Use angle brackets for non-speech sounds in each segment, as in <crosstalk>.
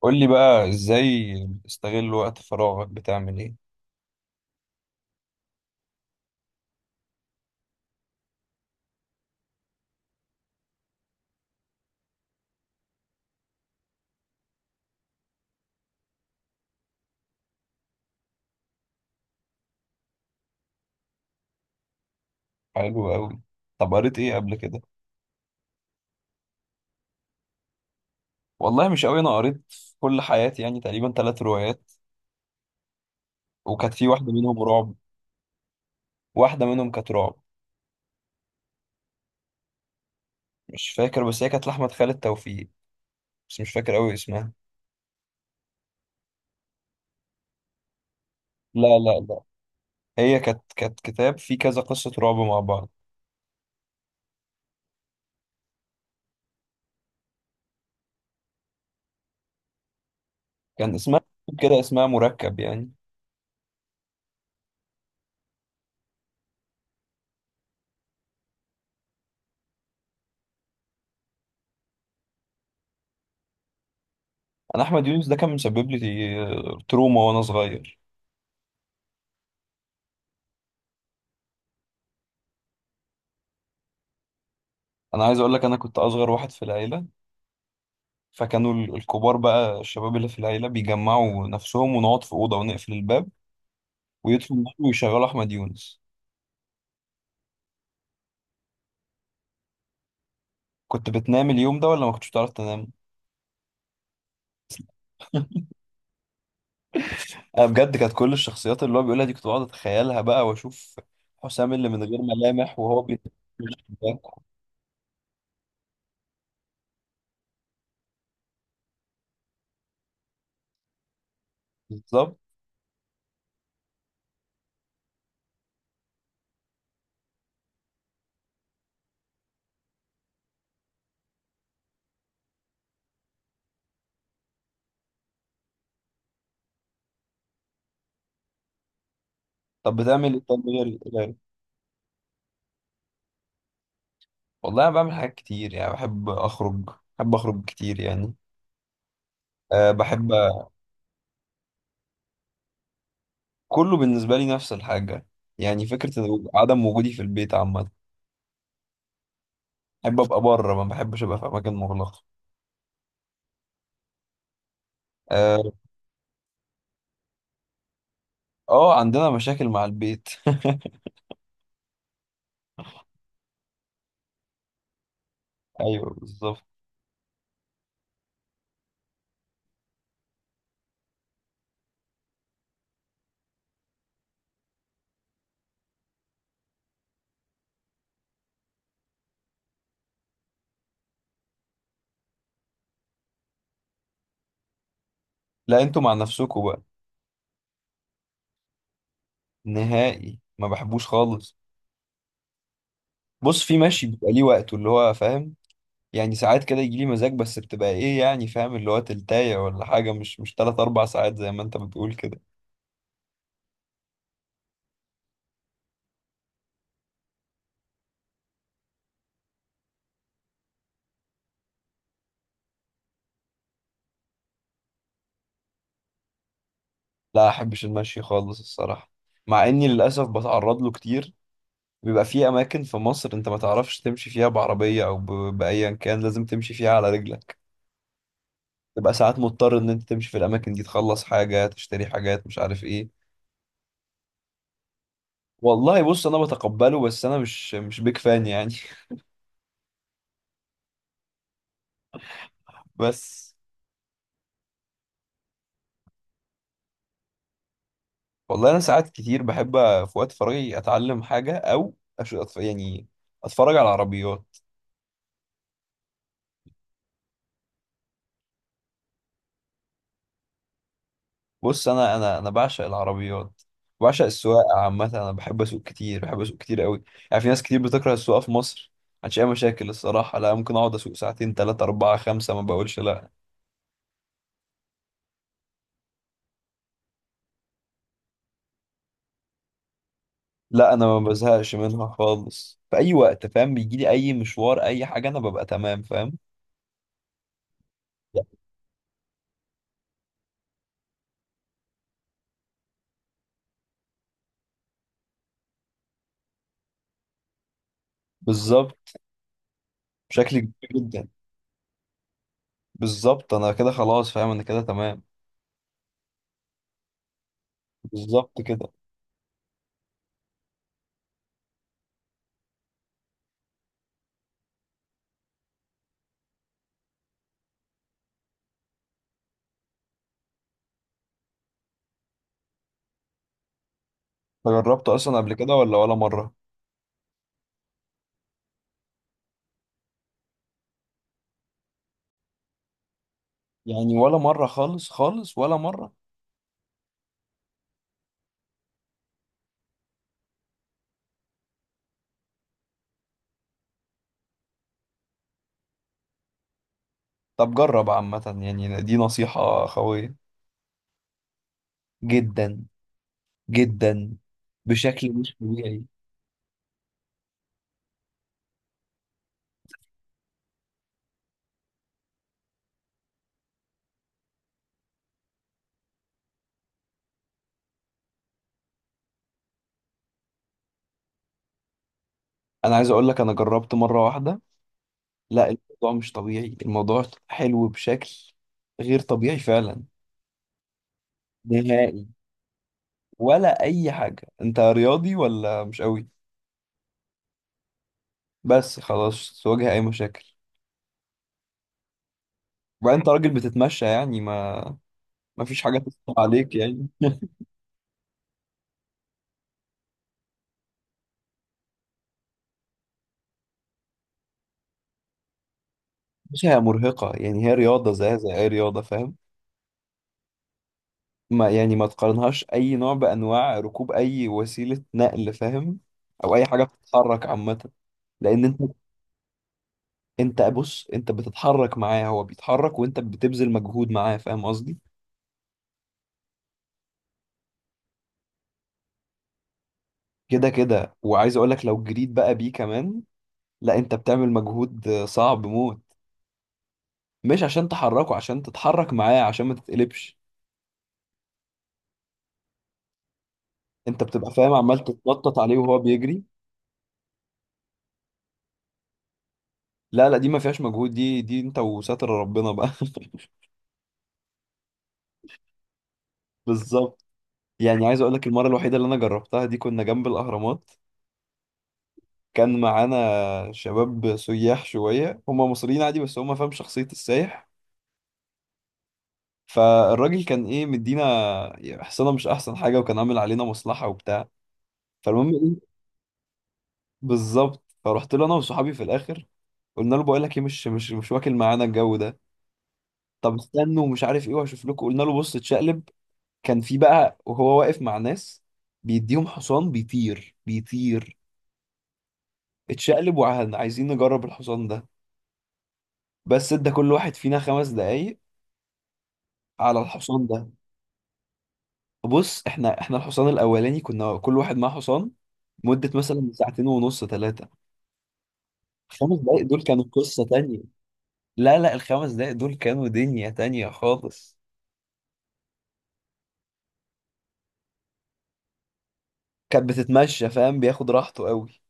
قول لي بقى ازاي بتستغل وقت فراغك؟ بتعمل ايه؟ حلو قوي. طب قريت ايه قبل كده؟ والله مش قوي، انا قريت في كل حياتي يعني تقريبا 3 روايات، وكانت في واحده منهم رعب. واحده منهم كانت رعب. مش فاكر، بس هي كانت لاحمد خالد توفيق، بس مش فاكر قوي اسمها. لا لا لا، هي كانت كتاب فيه كذا قصه رعب مع بعض. كان اسمها، كده اسمها مركب يعني. انا احمد يونس ده كان مسبب لي تروما وانا صغير. انا عايز اقول لك، انا كنت اصغر واحد في العيله، فكانوا الكبار بقى، الشباب اللي في العيلة بيجمعوا نفسهم، ونقعد في أوضة ونقفل الباب ويدخلوا النار ويشغلوا أحمد يونس. كنت بتنام اليوم ده ولا ما كنتش بتعرف تنام؟ أنا بجد كانت كل الشخصيات اللي هو بيقولها دي كنت بقعد أتخيلها بقى وأشوف حسام اللي من غير ملامح وهو بيتفرج. بالظبط. طب بتعمل إيه؟ طب غير والله أنا بعمل حاجات كتير، يعني بحب أخرج. بحب أخرج كتير يعني. أه بحب. كله بالنسبة لي نفس الحاجة. يعني فكرة عدم وجودي في البيت عامة. بحب ابقى بره، ما بحبش ابقى في اماكن مغلقه. اه. عندنا مشاكل مع البيت. <laughs> ايوه بالظبط. لا انتوا مع نفسكوا بقى. نهائي ما بحبوش خالص. بص، في ماشي بيبقى ليه وقته، اللي هو فاهم؟ يعني ساعات كده يجي لي مزاج، بس بتبقى ايه يعني، فاهم، اللي هو تلتاية ولا حاجه، مش تلات اربع ساعات زي ما انت بتقول كده. لا احبش المشي خالص الصراحه، مع اني للاسف بتعرض له كتير. بيبقى في اماكن في مصر انت ما تعرفش تمشي فيها بعربيه او ب- بايا كان لازم تمشي فيها على رجلك. تبقى ساعات مضطر ان انت تمشي في الاماكن دي، تخلص حاجه، تشتري حاجات، مش عارف ايه. والله بص، انا بتقبله، بس انا مش بيك فان يعني. <laughs> بس. والله انا ساعات كتير بحب في وقت فراغي اتعلم حاجه، او يعني اتفرج على العربيات. بص، انا بعشق العربيات، بعشق السواقه عامه. انا بحب اسوق كتير، بحب اسوق كتير قوي. يعني في ناس كتير بتكره السواقه في مصر عشان اي مشاكل. الصراحه لا، ممكن اقعد اسوق ساعتين ثلاثه اربعه خمسه ما بقولش لا. لا انا ما بزهقش منها خالص. في اي وقت، فاهم، بيجي لي اي مشوار اي حاجه انا ببقى تمام، فاهم. لا. بالظبط. بشكل كبير جدا. بالظبط انا كده خلاص، فاهم، انا كده تمام. بالظبط كده. جربته اصلا قبل كده ولا ولا مره يعني؟ ولا مره خالص خالص، ولا مره. طب جرب عامه، يعني دي نصيحه قويه جدا جدا، بشكل مش طبيعي. انا عايز اقول لك انا جربت مره واحده، لا الموضوع مش طبيعي، الموضوع حلو بشكل غير طبيعي فعلا. نهائي. ولا اي حاجه؟ انت رياضي ولا مش قوي؟ بس خلاص، تواجه اي مشاكل. وبعدين انت راجل بتتمشى يعني، ما ما فيش حاجه تطلع عليك يعني. <laughs> بس هي مرهقه يعني، هي رياضه زيها زي اي رياضه، فاهم. ما يعني ما تقارنهاش اي نوع بانواع ركوب اي وسيله نقل، فاهم، او اي حاجه بتتحرك عامه. لان انت، انت بص، انت بتتحرك معاه، هو بيتحرك وانت بتبذل مجهود معاه، فاهم قصدي. كده كده، وعايز اقول لك لو جريت بقى بيه كمان، لا انت بتعمل مجهود صعب موت. مش عشان تحركه، عشان تتحرك معاه، عشان ما تتقلبش. انت بتبقى، فاهم، عمال تتنطط عليه وهو بيجري. لا لا، دي ما فيهاش مجهود، دي انت وستر ربنا بقى. <laughs> بالظبط. يعني عايز اقول لك المره الوحيده اللي انا جربتها دي كنا جنب الاهرامات. كان معانا شباب سياح شويه، هم مصريين عادي بس هم، فاهم، شخصيه السايح. فالراجل كان ايه، مدينا حصانه مش احسن حاجه، وكان عامل علينا مصلحه وبتاع. فالمهم ايه، بالظبط، فرحت له انا وصحابي في الاخر. قلنا له بقول لك ايه، مش واكل معانا الجو ده. طب استنوا ومش عارف ايه وهشوف لكم. قلنا له بص اتشقلب، كان في بقى وهو واقف مع ناس بيديهم حصان بيطير بيطير. اتشقلب وعايزين نجرب الحصان ده. بس ادى كل واحد فينا 5 دقايق على الحصان ده. بص احنا، احنا الحصان الاولاني كنا كل واحد معاه حصان مدة مثلا ساعتين ونص ثلاثة. ال5 دقايق دول كانوا قصة تانية. لا لا، ال5 دقايق دول كانوا دنيا تانية خالص. كانت بتتمشى، فاهم، بياخد راحته قوي.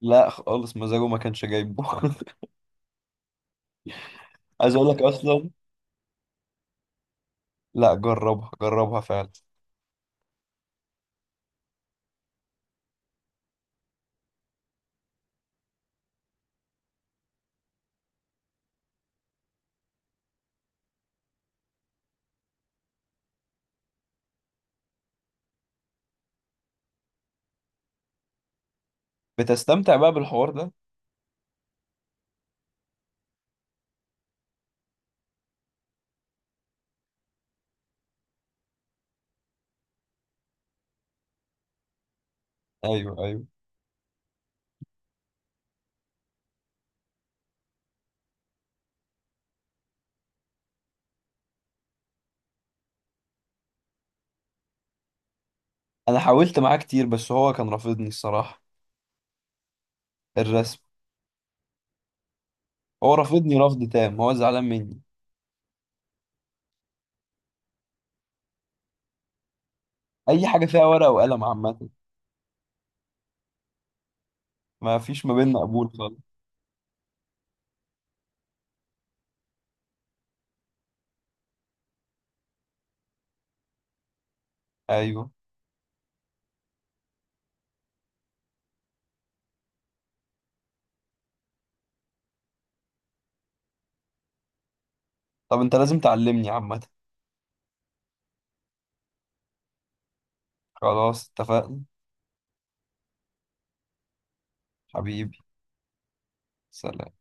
لا خالص، مزاجه ما كانش جايبه. <laughs> عايز اقول لك اصلا. لا جربها، جربها فعلا. بتستمتع بقى بالحوار ده؟ ايوه ايوه. انا حاولت معاه كتير بس هو كان رافضني الصراحه. الرسم. هو رافضني رفض تام، هو زعلان مني. اي حاجه فيها ورقه وقلم عامه، ما فيش ما بيننا قبول خالص. ايوه. طب انت لازم تعلمني عامه. خلاص اتفقنا. حبيبي. سلام.